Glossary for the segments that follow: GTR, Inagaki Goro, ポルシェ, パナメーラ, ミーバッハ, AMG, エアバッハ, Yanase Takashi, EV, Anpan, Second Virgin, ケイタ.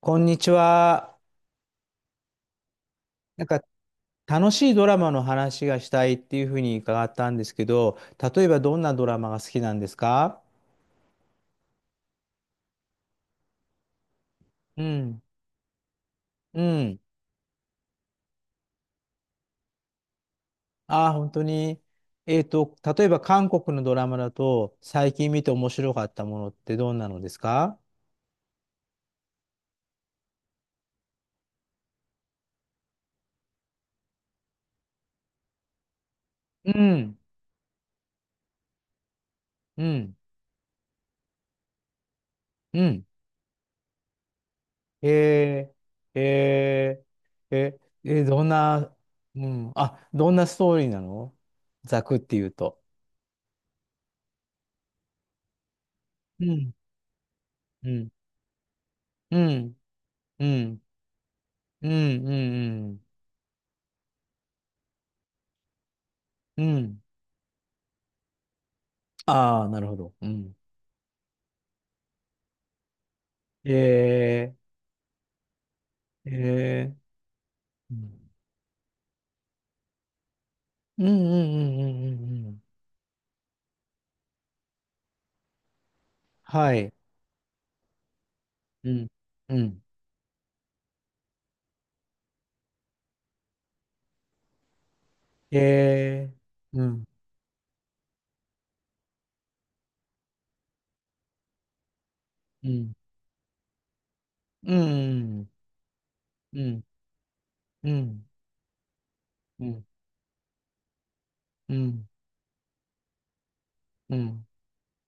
こんにちは。なんか楽しいドラマの話がしたいっていうふうに伺ったんですけど、例えばどんなドラマが好きなんですか？うん。うん。ああ、本当に。例えば韓国のドラマだと、最近見て面白かったものってどんなのですか？うん。うん。うん。えー、えー、え、どんな、うん。あ、どんなストーリーなの、ざくっていうと？うん。うん。うん。うん。うん、うん、うん。うん。ああ、なるほど。うん。えー、えー、うん、うん、うん、うん、うん。うんはい。うん、うん。えー、うん、うん、うん、うん、うん、うん、うん、うん。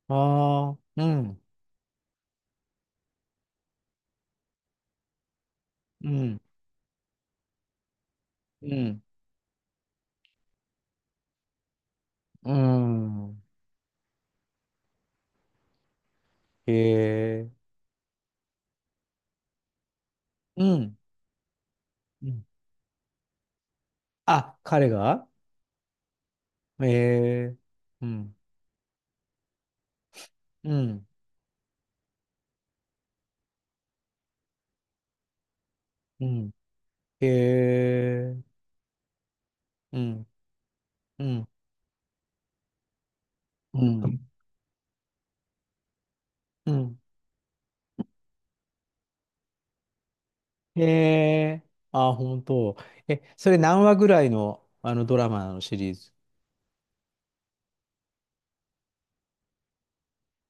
ああ、うん、うん、うん、うん。えー、うん、うん。あ、彼がえー、うん、うん、うん。えー、うん。うん。ううん。んうん。へえ。あ、本当。え、それ何話ぐらいの、あのドラマのシリーズ？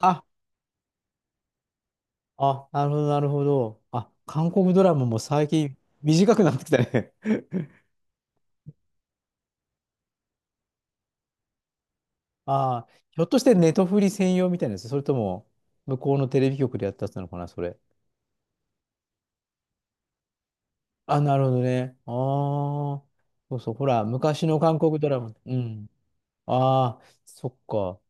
あ、あ、なるほど、なるほど。あ、韓国ドラマも最近短くなってきたね。 ああ、ひょっとしてネトフリ専用みたいなやつ、それとも、向こうのテレビ局でやったやつなのかな、それ。あ、なるほどね。ああ、そうそう。ほら、昔の韓国ドラマ。うん。ああ、そっか。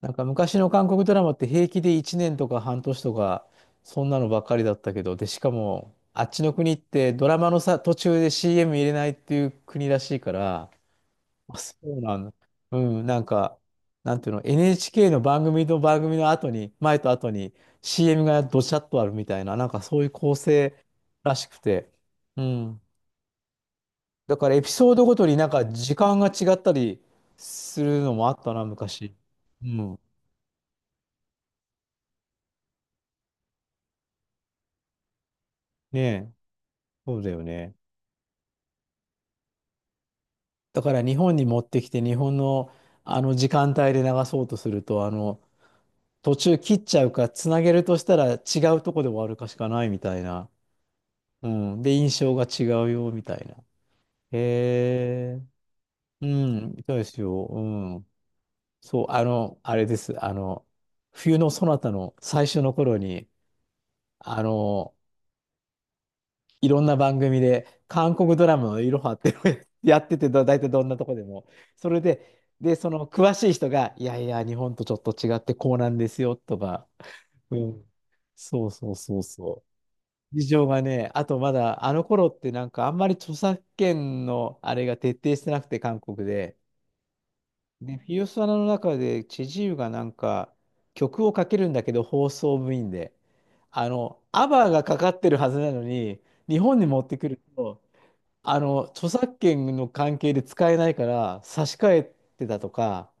なんか昔の韓国ドラマって平気で1年とか半年とか、そんなのばっかりだったけど、で、しかも、あっちの国ってドラマのさ、途中で CM 入れないっていう国らしいから、あ、そうなんだ。うん、なんか、なんていうの、NHK の番組と番組の後に、前と後に CM がどちゃっとあるみたいな、なんかそういう構成らしくて、うん。だからエピソードごとになんか時間が違ったりするのもあったな、昔。うん。ねえ、そうだよね。だから日本に持ってきて日本のあの時間帯で流そうとすると途中切っちゃうかつなげるとしたら違うとこで終わるかしかないみたいな、うん、で印象が違うよみたいな。へえ。うんそうですよ、うん、そうあのあれです冬のそなたの最初の頃にあのいろんな番組で、韓国ドラマのいろはっていうのを やってて、だ大体どんなとこでも。それで、で、その詳しい人が、いやいや、日本とちょっと違ってこうなんですよ、とか。うん。そうそうそうそう。事情がね、あとまだ、あの頃ってなんかあんまり著作権のあれが徹底してなくて、韓国で。で、フィオスワナの中で、チェジウがなんか、曲をかけるんだけど、放送部員で。あの、アバーがかかってるはずなのに、日本に持ってくると、あの、著作権の関係で使えないから差し替えてたとか、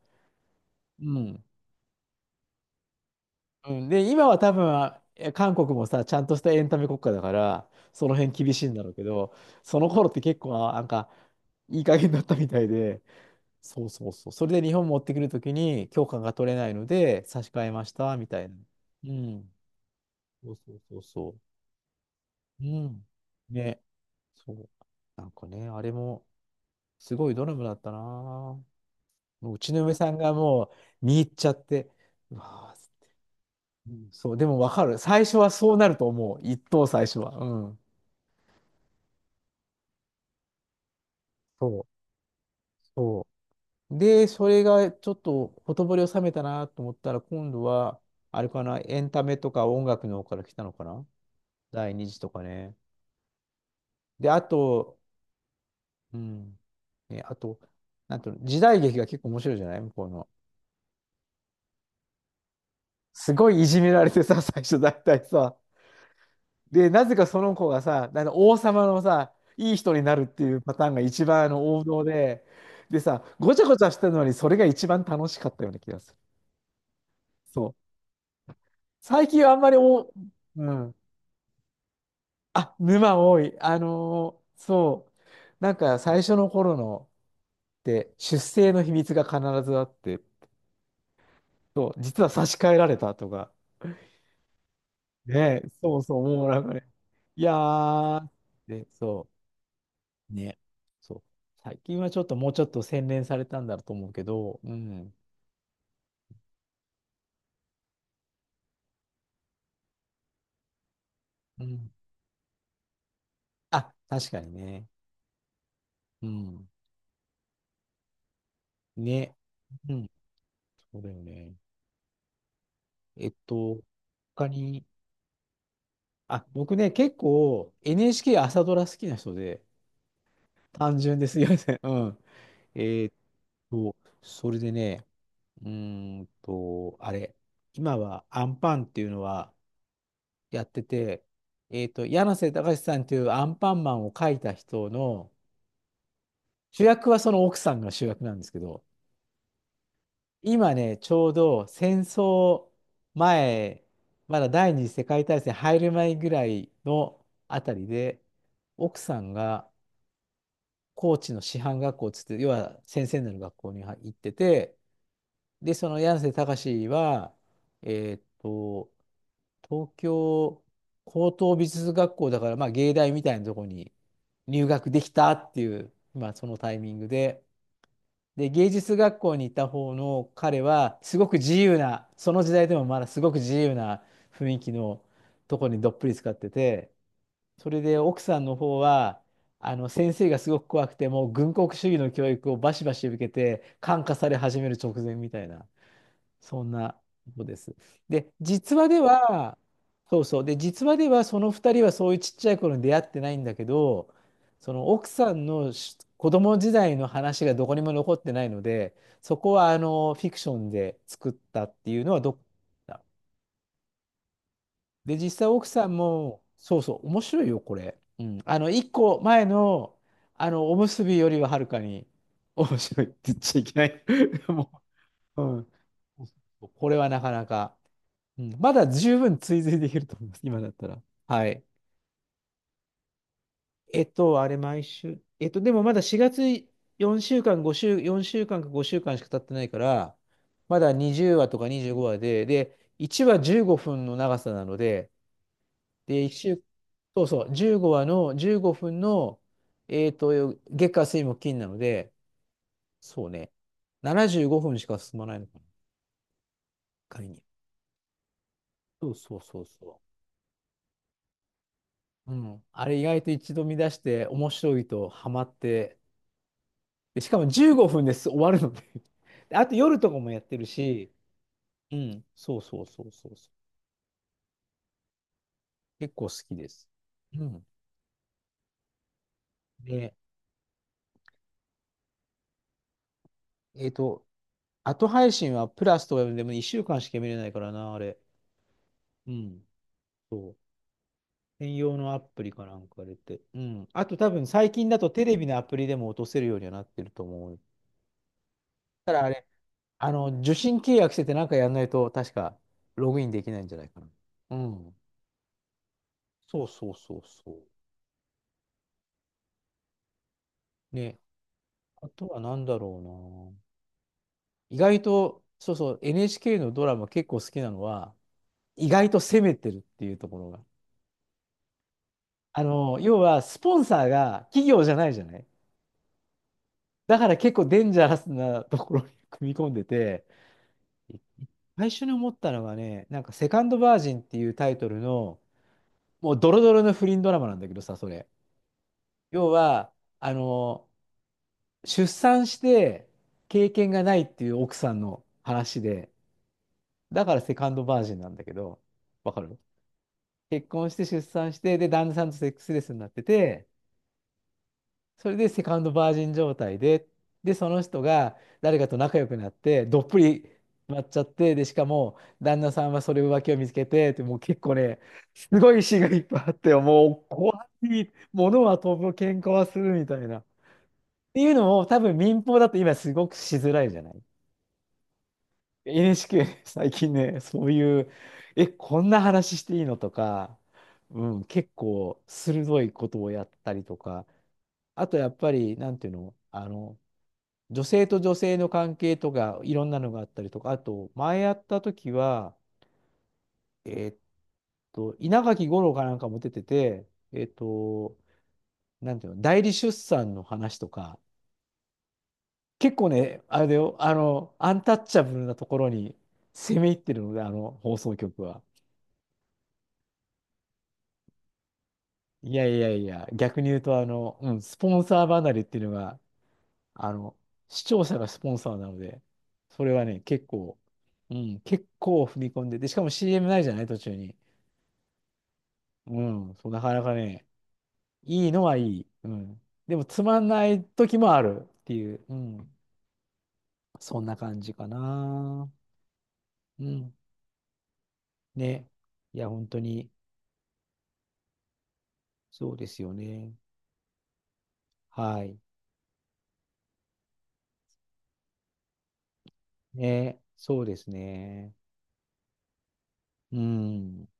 うん。うん、で、今は多分、あえ韓国もさ、ちゃんとしたエンタメ国家だから、その辺厳しいんだろうけど、その頃って結構、あなんか、いい加減だったみたいで、そうそうそう。それで日本持ってくるときに許可が取れないので、差し替えました、みたいな。うん。そうそうそうそう。うん。ね。そう。なんかね、あれも、すごいドラマだったな。もううちの嫁さんがもう見入っちゃって、うわあ、うんそう、でもわかる。最初はそうなると思う。一等最初は。うん。そう、そうで、それがちょっとほとぼりを冷めたなと思ったら、今度は、あれかな、エンタメとか音楽の方から来たのかな、第二次とかね。で、あと、うん。ね、あと、なんと、時代劇が結構面白いじゃない向こうの。すごいいじめられてさ、最初大体さ、で、なぜかその子がさ、あの王様のさ、いい人になるっていうパターンが一番王道で、でさ、ごちゃごちゃしてるのにそれが一番楽しかったような気がする。そう。最近はあんまりお、うん。あ、沼多い。そう。なんか最初の頃のって出生の秘密が必ずあって、そう、実は差し替えられたとか、ねえ、そうそう、もうなんかね、いやー、で、そう。ね。そう。最近はちょっともうちょっと洗練されたんだと思うけど、うん。うん。あ、確かにね。うん。ね。うん。そうだよね。えっと、他に、あ、僕ね、結構 NHK 朝ドラ好きな人で、単純ですいません。うん。えーっと、それでね、あれ、今はアンパンっていうのはやってて、柳瀬隆さんっていうアンパンマンを描いた人の、主役はその奥さんが主役なんですけど、今ね、ちょうど戦争前、まだ第二次世界大戦入る前ぐらいのあたりで、奥さんが高知の師範学校つって、要は先生になる学校に行ってて、で、その柳瀬隆は、えーっと、東京高等美術学校だから、まあ、芸大みたいなところに入学できたっていう、まあ、そのタイミングで、で、芸術学校にいた方の彼は、すごく自由な、その時代でもまだすごく自由な雰囲気のとこにどっぷり使ってて、それで奥さんの方は、あの先生がすごく怖くて、もう軍国主義の教育をバシバシ受けて、感化され始める直前みたいな。そんなことです。で、実話では、そうそう。で、実話ではその2人はそういうちっちゃい頃に出会ってないんだけど、その奥さんのし子供時代の話がどこにも残ってないので、そこはあのフィクションで作ったっていうのはどっか。で、実際奥さんも、そうそう、面白いよ、これ。うん。あの、1個前の、あの、おむすびよりははるかに面白いって言っちゃいけない。もう、うん。これはなかなか。うん、まだ十分追随できると思います、今だったら。はい。えっと、あれ、毎週。えっと、でもまだ4月4週間、5週、4週間か5週間しゅうかんしか経ってないから、まだ20話とか25話で、で、1話15分の長さなので、で、1週、そうそう、15話の15分の、月火水木金なので、そうね、75分しか進まないのかな、仮に。そうそうそうそう。うん、あれ意外と一度見出して面白いとハマって、で、しかも15分です終わるので であと夜とかもやってるし、うん、そうそうそうそうそう。結構好きです。うん。で、えっと、後配信はプラスとかでも1週間しか見れないからな、あれ。うん。そう。専用のアプリかなんか入れて。うん。あと多分最近だとテレビのアプリでも落とせるようにはなってると思う。ただあれ、あの、受信契約しててなんかやんないと確かログインできないんじゃないかな。うん。そうそうそうそう。ね。あとは何だろうな。意外と、そうそう、NHK のドラマ結構好きなのは、意外と攻めてるっていうところが。あの、要は、スポンサーが企業じゃないじゃない。だから結構デンジャラスなところに組み込んでて、最初に思ったのがね、なんか、セカンドバージンっていうタイトルの、もうドロドロの不倫ドラマなんだけどさ、それ。要は、あの、出産して経験がないっていう奥さんの話で、だからセカンドバージンなんだけど、わかる？結婚して出産して、で、旦那さんとセックスレスになってて、それでセカンドバージン状態で、で、その人が誰かと仲良くなって、どっぷりなっちゃって、で、しかも、旦那さんはそれ浮気を見つけて、ってもう結構ね、すごい詩がいっぱいあって、もう怖い、物は飛ぶ、喧嘩はするみたいな。っていうのを多分民放だと今すごくしづらいじゃない。NHK ね最近ね、そういう、え、こんな話していいのとか、うん、結構鋭いことをやったりとか、あとやっぱり、なんていうの、あの、女性と女性の関係とか、いろんなのがあったりとか、あと、前やった時は、えーっ稲垣吾郎かなんかも出てて、えーっと、なんていうの、代理出産の話とか、結構ね、あれだよ、あの、アンタッチャブルなところに攻め入ってるので、あの放送局は。いやいやいや、逆に言うと、あの、うん、スポンサー離れっていうのが、あの、視聴者がスポンサーなので、それはね、結構、うん、結構踏み込んで、で、しかも CM ないじゃない、途中に。うん、そう、なかなかね、いいのはいい。うん。でも、つまんない時もあるっていう、うん、そんな感じかな。うん、ね。いや、本当に、そうですよね。はい。ね、そうですね。うん。